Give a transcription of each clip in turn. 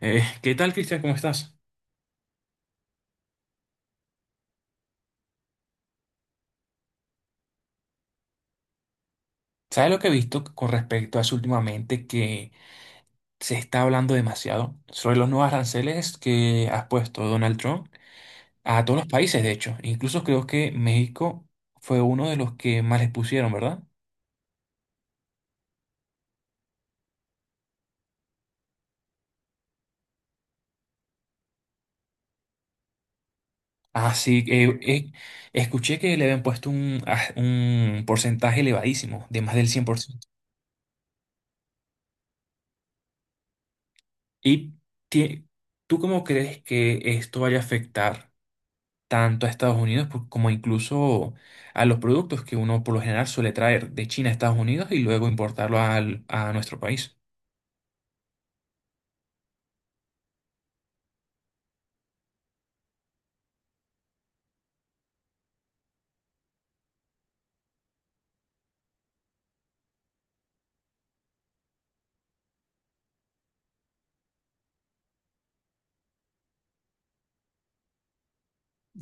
¿Qué tal, Cristian? ¿Cómo estás? ¿Sabes lo que he visto con respecto a eso últimamente? Que se está hablando demasiado sobre los nuevos aranceles que ha puesto Donald Trump a todos los países, de hecho. Incluso creo que México fue uno de los que más les pusieron, ¿verdad? Así que escuché que le habían puesto un, un porcentaje elevadísimo, de más del 100%. ¿Y tie- tú cómo crees que esto vaya a afectar tanto a Estados Unidos como incluso a los productos que uno por lo general suele traer de China a Estados Unidos y luego importarlo a nuestro país?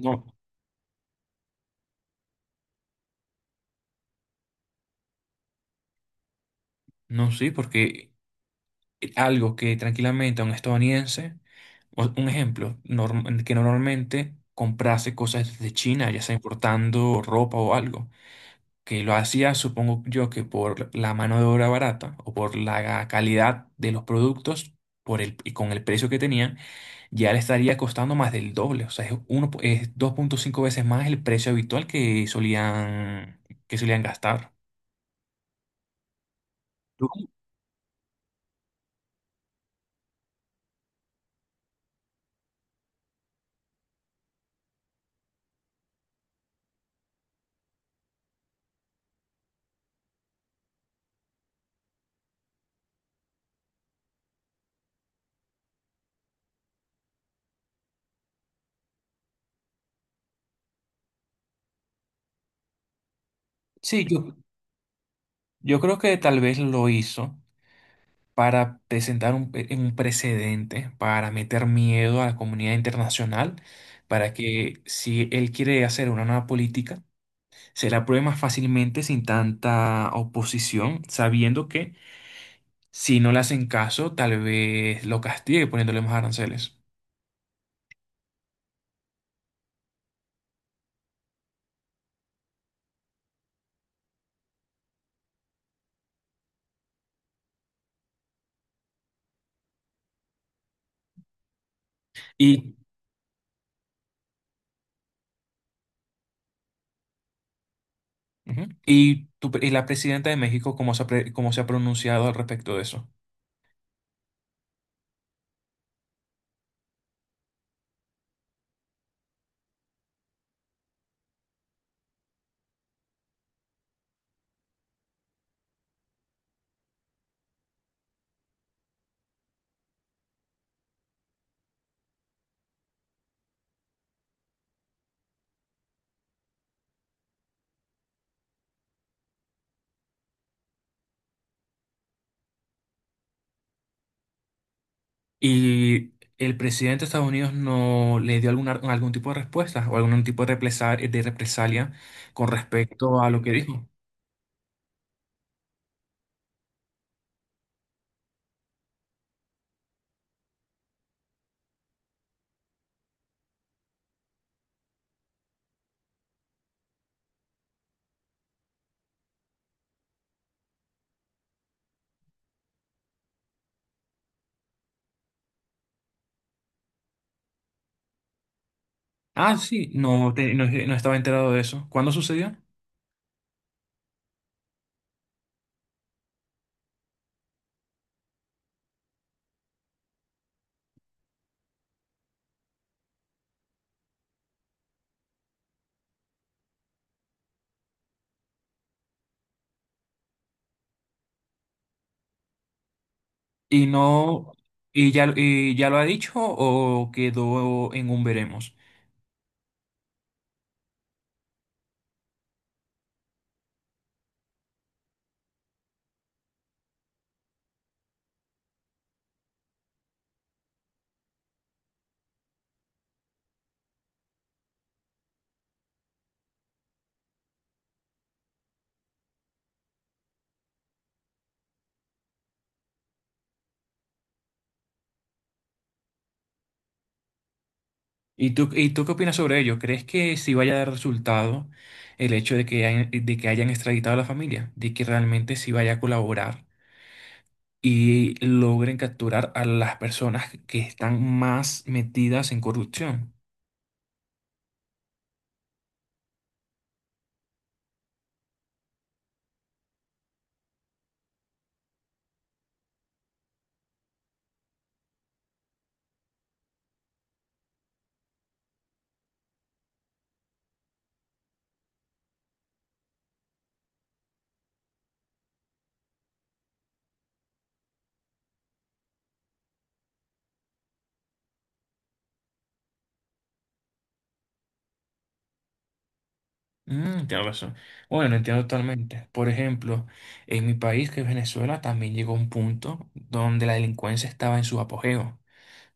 No. No, sí, porque algo que tranquilamente a un estadounidense, un ejemplo, que normalmente comprase cosas de China, ya sea importando ropa o algo, que lo hacía, supongo yo, que por la mano de obra barata o por la calidad de los productos, por el, y con el precio que tenían, ya le estaría costando más del doble. O sea, es, uno, es dos punto cinco veces más el precio habitual que solían gastar. Yo- Sí, yo creo que tal vez lo hizo para presentar un, un precedente, para meter miedo a la comunidad internacional, para que si él quiere hacer una nueva política, se la apruebe más fácilmente sin tanta oposición, sabiendo que si no le hacen caso, tal vez lo castigue poniéndole más aranceles. Y Ujú. ¿Y y la presidenta de México, cómo se ha, cómo se ha pronunciado al respecto de eso? ¿Y el presidente de Estados Unidos no le dio alguna, algún tipo de respuesta o algún tipo de represalia con respecto a lo que dijo? Ah, sí, no, no, no estaba enterado de eso. ¿Cuándo sucedió? ¿Y no, y ya lo ha dicho o quedó en un veremos? Y tú qué opinas sobre ello? ¿Crees que sí vaya a dar resultado el hecho de que hayan extraditado a la familia? ¿De que realmente sí vaya a colaborar y logren capturar a las personas que están más metidas en corrupción? Mm, tienes razón. Bueno, entiendo totalmente. Por ejemplo, en mi país, que es Venezuela, también llegó un punto donde la delincuencia estaba en su apogeo,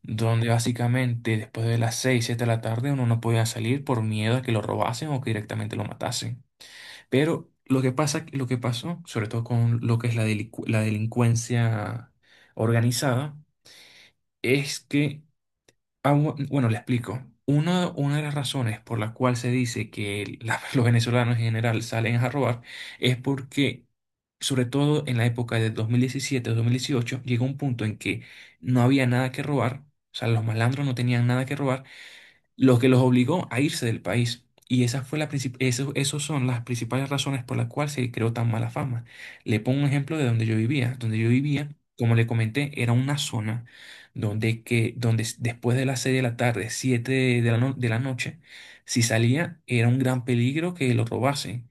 donde básicamente después de las 6, 7 de la tarde uno no podía salir por miedo a que lo robasen o que directamente lo matasen. Pero lo que pasa, lo que pasó, sobre todo con lo que es la, la delincuencia organizada, es que, bueno, le explico. Una de las razones por la cual se dice que los venezolanos en general salen a robar es porque, sobre todo en la época de 2017-2018, llegó un punto en que no había nada que robar, o sea, los malandros no tenían nada que robar, lo que los obligó a irse del país. Y esa fue la eso, esos son las principales razones por las cuales se creó tan mala fama. Le pongo un ejemplo de donde yo vivía. Donde yo vivía, como le comenté, era una zona donde después de las 6 de la tarde, 7 de la noche, si salía, era un gran peligro que lo robasen.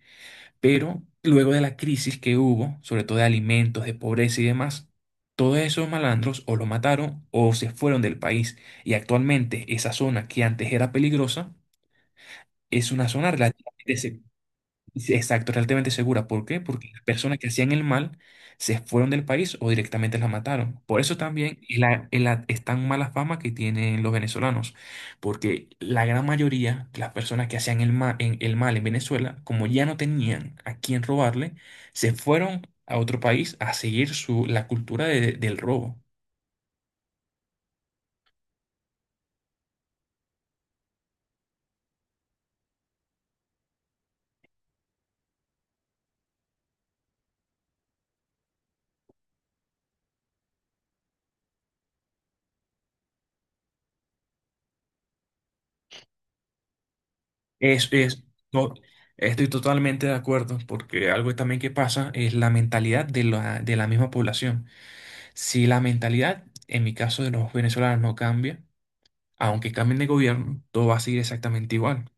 Pero luego de la crisis que hubo, sobre todo de alimentos, de pobreza y demás, todos esos malandros o lo mataron o se fueron del país. Y actualmente esa zona que antes era peligrosa es una zona Ujú. Relativamente Sí, Exacto, realmente segura. ¿Por qué? Porque las personas que hacían el mal se fueron del país o directamente las mataron. Por eso también es tan mala fama que tienen los venezolanos. Porque la gran mayoría de las personas que hacían el el mal en Venezuela, como ya no tenían a quién robarle, se fueron a otro país a seguir la cultura del robo. Es, es, no, estoy totalmente de acuerdo, porque algo también que pasa es la mentalidad de la misma población. Si la mentalidad, en mi caso de los venezolanos, no cambia, aunque cambien de gobierno, todo va a seguir exactamente igual.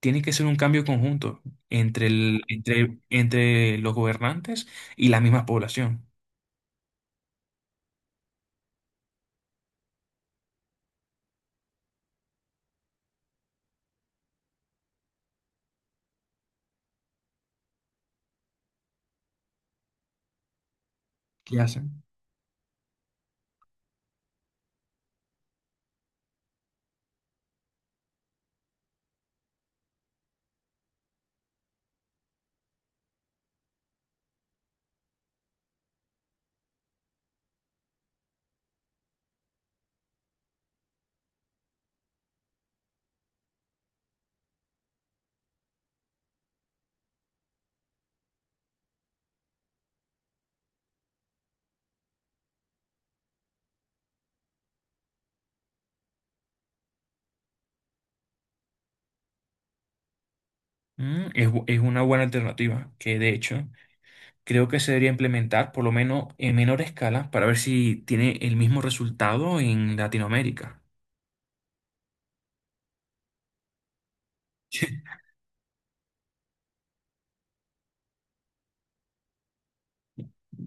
Tiene que ser un cambio conjunto entre entre, entre los gobernantes y la misma población. ¿Qué hacen? Mm, es una buena alternativa que, de hecho, creo que se debería implementar por lo menos en menor escala para ver si tiene el mismo resultado en Latinoamérica.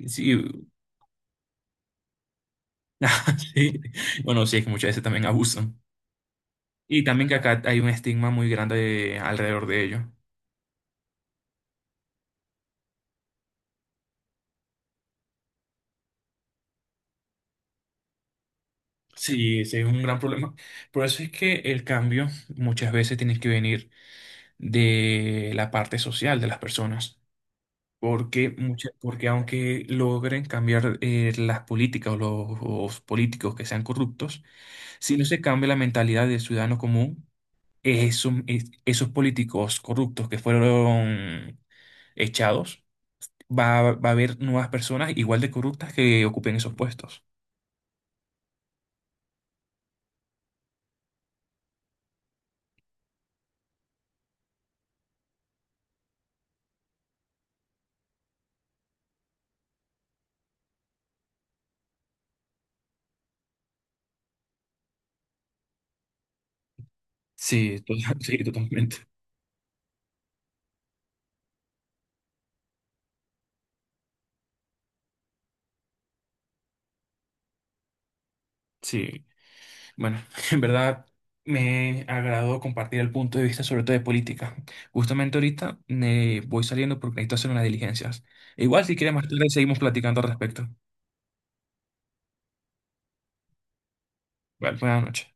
Sí, sí, bueno, sí, es que muchas veces también abusan. Y también que acá hay un estigma muy grande alrededor de ello. Sí, ese es un gran problema. Por eso es que el cambio muchas veces tiene que venir de la parte social de las personas. Porque, porque aunque logren cambiar las políticas o los políticos que sean corruptos, si no se cambia la mentalidad del ciudadano común, esos, esos políticos corruptos que fueron echados, va a haber nuevas personas igual de corruptas que ocupen esos puestos. Sí, sí, totalmente. Sí, bueno, en verdad me agradó compartir el punto de vista sobre todo de política. Justamente ahorita me voy saliendo porque necesito hacer unas diligencias. Igual si quieres más tarde seguimos platicando al respecto. Vale, buenas noches.